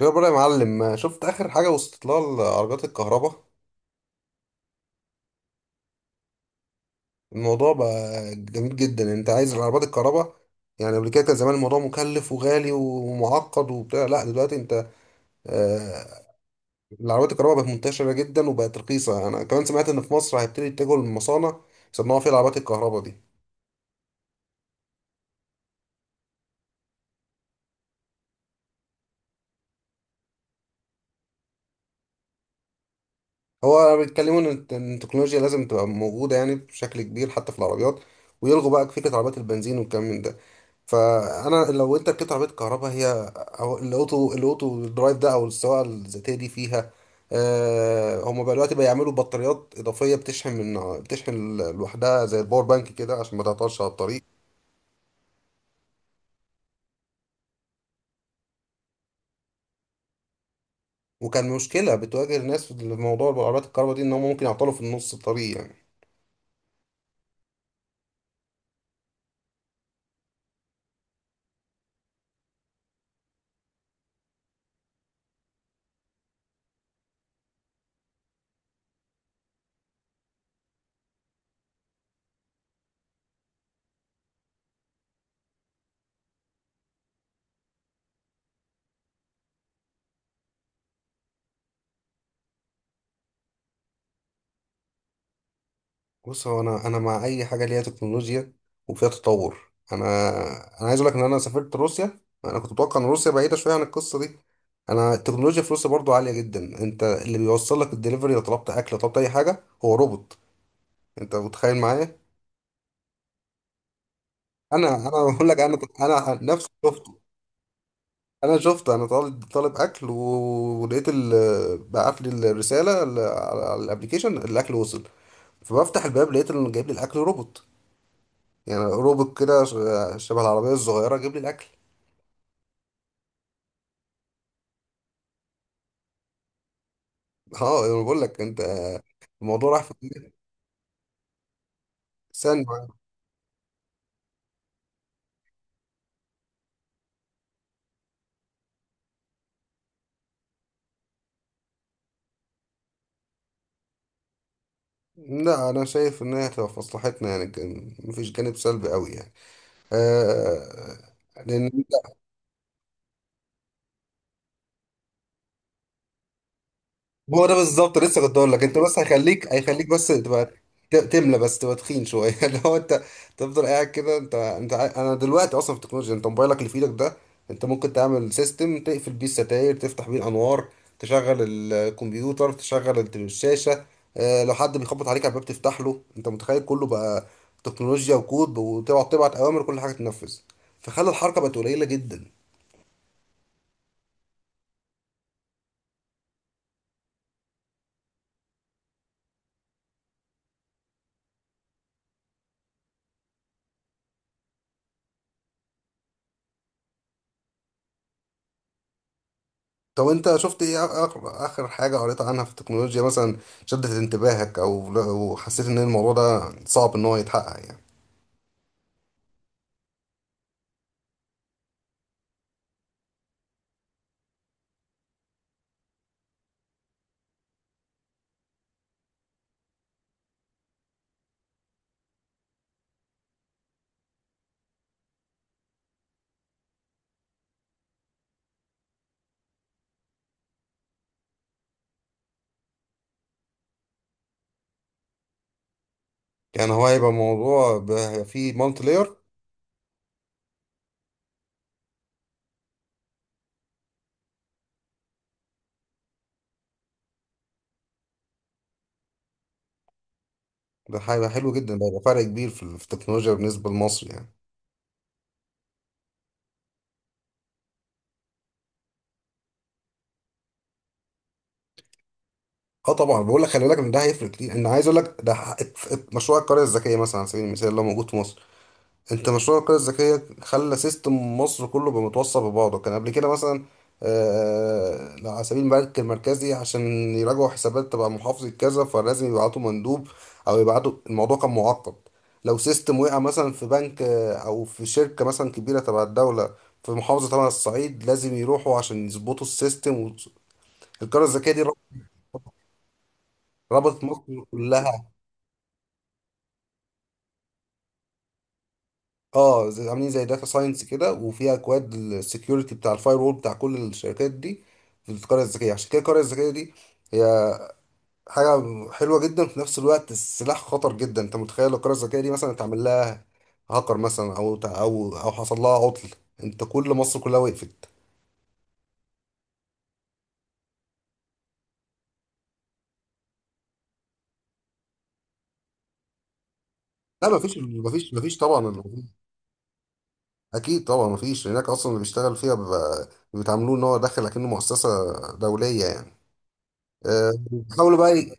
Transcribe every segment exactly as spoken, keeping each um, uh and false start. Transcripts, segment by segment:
خبرة يا معلم، شفت آخر حاجة وصلت لها العربيات الكهرباء؟ الموضوع بقى جميل جدا. يعني انت عايز العربيات الكهرباء، يعني قبل كده كان زمان الموضوع مكلف وغالي ومعقد وبتاع، لا دلوقتي انت، آه العربيات الكهرباء بقت منتشرة جدا وبقت رخيصة. انا كمان سمعت ان في مصر هيبتدي يتجهوا للمصانع يصنعوا فيها العربيات الكهرباء دي. هو بيتكلموا ان الت- إن التكنولوجيا لازم تبقى موجوده يعني بشكل كبير حتى في العربيات، ويلغوا بقى فكره عربيات البنزين والكلام من ده. فانا لو انت ركبت عربيه كهرباء، هي او الاوتو الاوتو درايف ده، او السواقه الذاتيه دي فيها، آه هم بقى دلوقتي بيعملوا بطاريات اضافيه بتشحن من بتشحن لوحدها زي الباور بانك كده عشان ما تعطلش على الطريق. وكان مشكله بتواجه الناس في الموضوع بالعربيات الكهرباء دي ان هم ممكن يعطلوا في النص الطريق يعني. بص، هو انا انا مع اي حاجه ليها تكنولوجيا وفيها تطور. انا انا عايز اقول لك ان انا سافرت روسيا، انا كنت متوقع ان روسيا بعيده شويه عن القصه دي. انا التكنولوجيا في روسيا برضو عاليه جدا، انت اللي بيوصل لك الدليفري لو طلبت اكل لو طلبت اي حاجه هو روبوت. انت متخيل معايا؟ انا انا بقول لك، انا انا نفسي شفته. انا شفته، انا طالب طالب اكل و- ولقيت ال- بعت لي الرساله ال- على على الابلكيشن الاكل وصل. فبفتح الباب لقيت انه جايب لي الاكل روبوت. يعني روبوت كده ش- شبه العربية الصغيرة، جيب لي الأكل. اه أنا بقول لك أنت، الموضوع راح في ثانية. لا، أنا شايف إن هي هتبقى في مصلحتنا، يعني كان مفيش جانب سلبي أوي يعني. آه لأن، هو ده بالظبط. لسه كنت اقول لك انت، بس هيخليك هيخليك بس تبقى، ت- تملى بس تبقى تخين شويه. اللي هو انت تفضل قاعد كده. انت انت عا- انا دلوقتي اصلا في التكنولوجيا، انت موبايلك اللي في ايدك ده انت ممكن تعمل سيستم تقفل بيه الستاير، تفتح بيه الانوار، تشغل الكمبيوتر، تشغل الت- الشاشه. اه، لو حد بيخبط عليك على الباب تفتح له. انت متخيل؟ كله بقى تكنولوجيا وكود، وتقعد تبعت اوامر كل حاجه تنفذ، فخلى الحركه بقت قليله جدا. طب انت شفت ايه اخر اخر حاجة قريت عنها في التكنولوجيا مثلا، شدت انتباهك او او حسيت ان الموضوع ده صعب ان هو يتحقق يعني؟ يعني هو هيبقى موضوع ب- هيبقى فيه مالتي لاير. ده هيبقى حلو جدا، ده هيبقى فرق كبير في ال- في التكنولوجيا بالنسبة لمصر يعني. اه طبعا بقول لك، خلي بالك ان ده هيفرق كتير. ان عايز اقول لك ده حقق- مشروع القرية الذكية مثلا على سبيل المثال اللي هو موجود في مصر. انت مشروع القرية الذكية خلى سيستم مصر كله بقى متوصل ببعضه. كان قبل كده مثلا، آه، آه، على سبيل البنك المركزي، عشان يراجعوا حسابات تبع محافظة كذا فلازم يبعتوا مندوب او يبعتوا، الموضوع كان معقد. لو سيستم وقع مثلا في بنك، آه، او في شركة مثلا كبيرة تبع الدولة في محافظة تبع الصعيد، لازم يروحوا عشان يظبطوا السيستم. والقرية الذكية دي ربطت مصر كلها. اه زي- عاملين زي داتا ساينس كده، وفيها اكواد السكيورتي بتاع الفاير وول بتاع كل الشركات دي في القريه الذكيه. عشان كده القريه الذكيه دي هي حاجه حلوه جدا، في نفس الوقت السلاح خطر جدا. انت متخيل لو القريه الذكيه دي مثلا اتعمل لها هاكر مثلا او تع- او او حصل لها عطل، انت كل مصر كلها وقفت. لا، مفيش مفيش مفيش طبعا. اكيد طبعا مفيش، هناك اصلا اللي بيشتغل فيها بيبقى بيتعاملوه ان هو داخل اكنه مؤسسه دوليه يعني. آه، بيحاولوا بقى.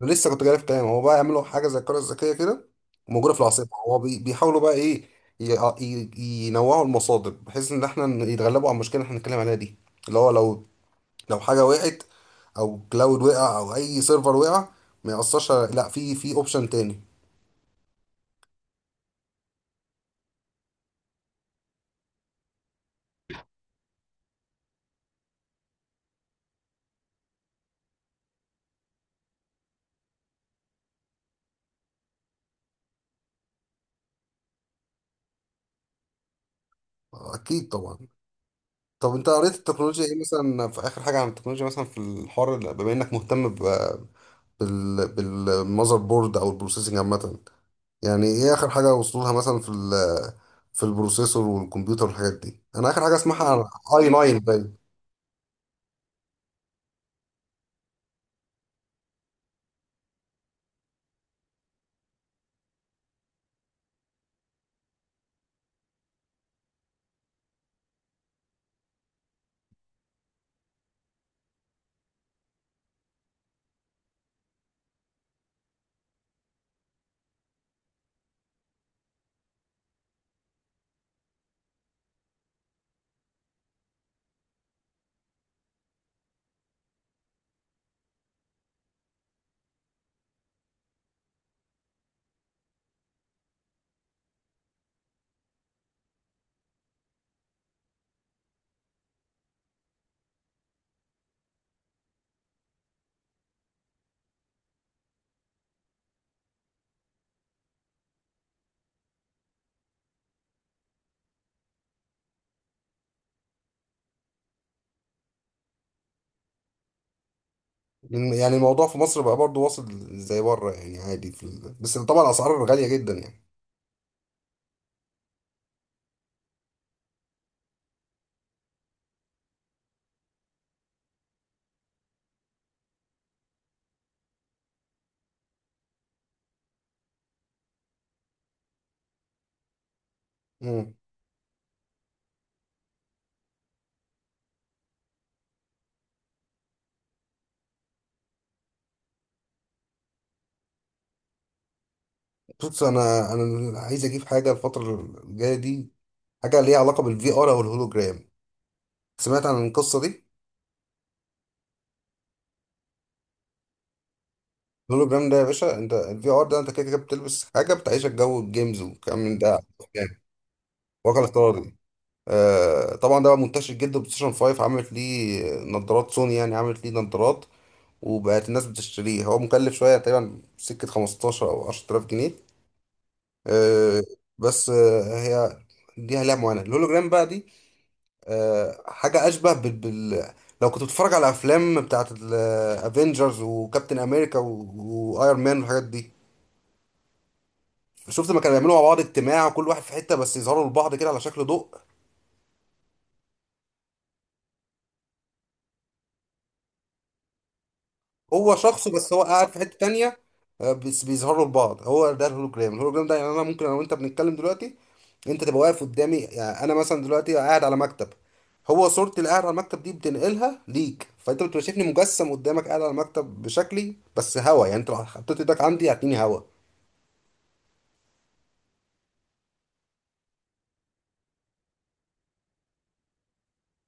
لسه كنت جاي في كلام، هو بقى يعملوا حاجه زي القريه الذكيه كده وموجوده في العاصمه. هو بي- بيحاولوا بقى ايه، ي- ي- ينوعوا المصادر بحيث ان احنا ن- يتغلبوا على المشكله اللي احنا بنتكلم عليها دي، اللي هو لو لو حاجه وقعت، او كلاود وقع، او اي سيرفر وقع، ما ياثرش على- لا في في اوبشن تاني. اكيد طبعا. طب انت قريت التكنولوجيا ايه مثلا في اخر حاجه عن التكنولوجيا مثلا في الحوار اللي- بما انك مهتم ب- بال بالمذر بورد او البروسيسنج عامه؟ يعني ايه اخر حاجه وصلوا لها مثلا في ال- في البروسيسور والكمبيوتر والحاجات دي؟ انا اخر حاجه اسمعها اي 9 باين. لأن يعني الموضوع في مصر بقى برضو واصل زي بره يعني عادي في ال... بس طبعا الاسعار غاليه جدا يعني. امم بص، انا انا عايز اجيب حاجه الفتره الجايه دي، حاجه ليها علاقه بالفي ار او الهولوجرام. سمعت عن القصه دي؟ الهولوجرام ده يا باشا، انت الفي ار ده انت كده كده بتلبس حاجه بتعيشك جو الجيمز والكلام من ده، يعني واقع الافتراضي. آه، طبعا ده بقى منتشر جدا، بلاي ستيشن خمسة عملت ليه نظارات، سوني يعني عملت ليه نظارات وبقت الناس بتشتريه. هو مكلف شويه، تقريبا سكه خمستاشر او عشر تلاف جنيه. آه، بس آه، هي ليها لها معاناه. الهولوجرام بقى دي، آه، حاجه اشبه بال... بال... لو كنت بتتفرج على افلام بتاعت الافينجرز وكابتن امريكا و... وايرون مان والحاجات دي، شفت ما كانوا بيعملوا مع بعض اجتماع وكل واحد في حته، بس يظهروا لبعض كده على شكل ضوء؟ هو شخصه، بس هو قاعد في حتة تانية. آه، بس بيظهروا لبعض، هو ده الهولوجرام. الهولوجرام ده يعني انا ممكن انا وانت بنتكلم دلوقتي، انت تبقى واقف قدامي. يعني انا مثلا دلوقتي قاعد على مكتب، هو صورتي اللي قاعد على المكتب دي بتنقلها ليك، فانت بتبقى شايفني مجسم قدامك قاعد على المكتب بشكلي، بس هوا يعني، انت لو حطيت ايدك عندي هتلاقيني هوا.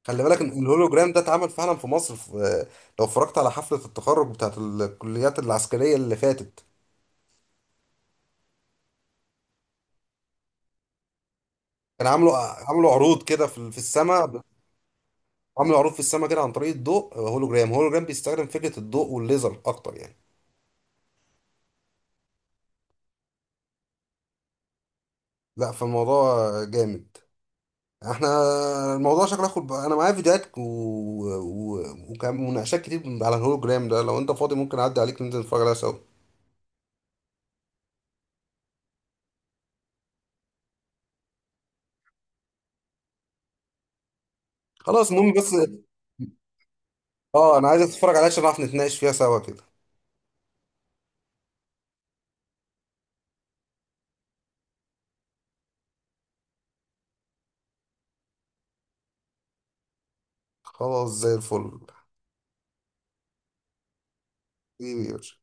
خلي بالك ان الهولوجرام ده اتعمل فعلا في مصر في آه، لو اتفرجت على حفلة التخرج بتاعت الكليات العسكرية اللي فاتت، كان عاملوا عاملوا عروض كده في في السماء. عامل معروف في السما كده عن طريق الضوء. آه، هولوجرام، هولوجرام بيستخدم فكرة الضوء والليزر أكتر يعني. لا فالموضوع جامد. احنا الموضوع شكله هياخد بقى- انا معايا فيديوهات و... و... وكان مناقشات كتير على الهولوجرام ده. لو انت فاضي ممكن اعدي عليك ننزل نتفرج عليها سوا. خلاص، المهم بس، اه انا عايز اتفرج عليها عشان نعرف نتناقش فيها سوا كده. خلاص زي الفل. حبيبي يا باشا.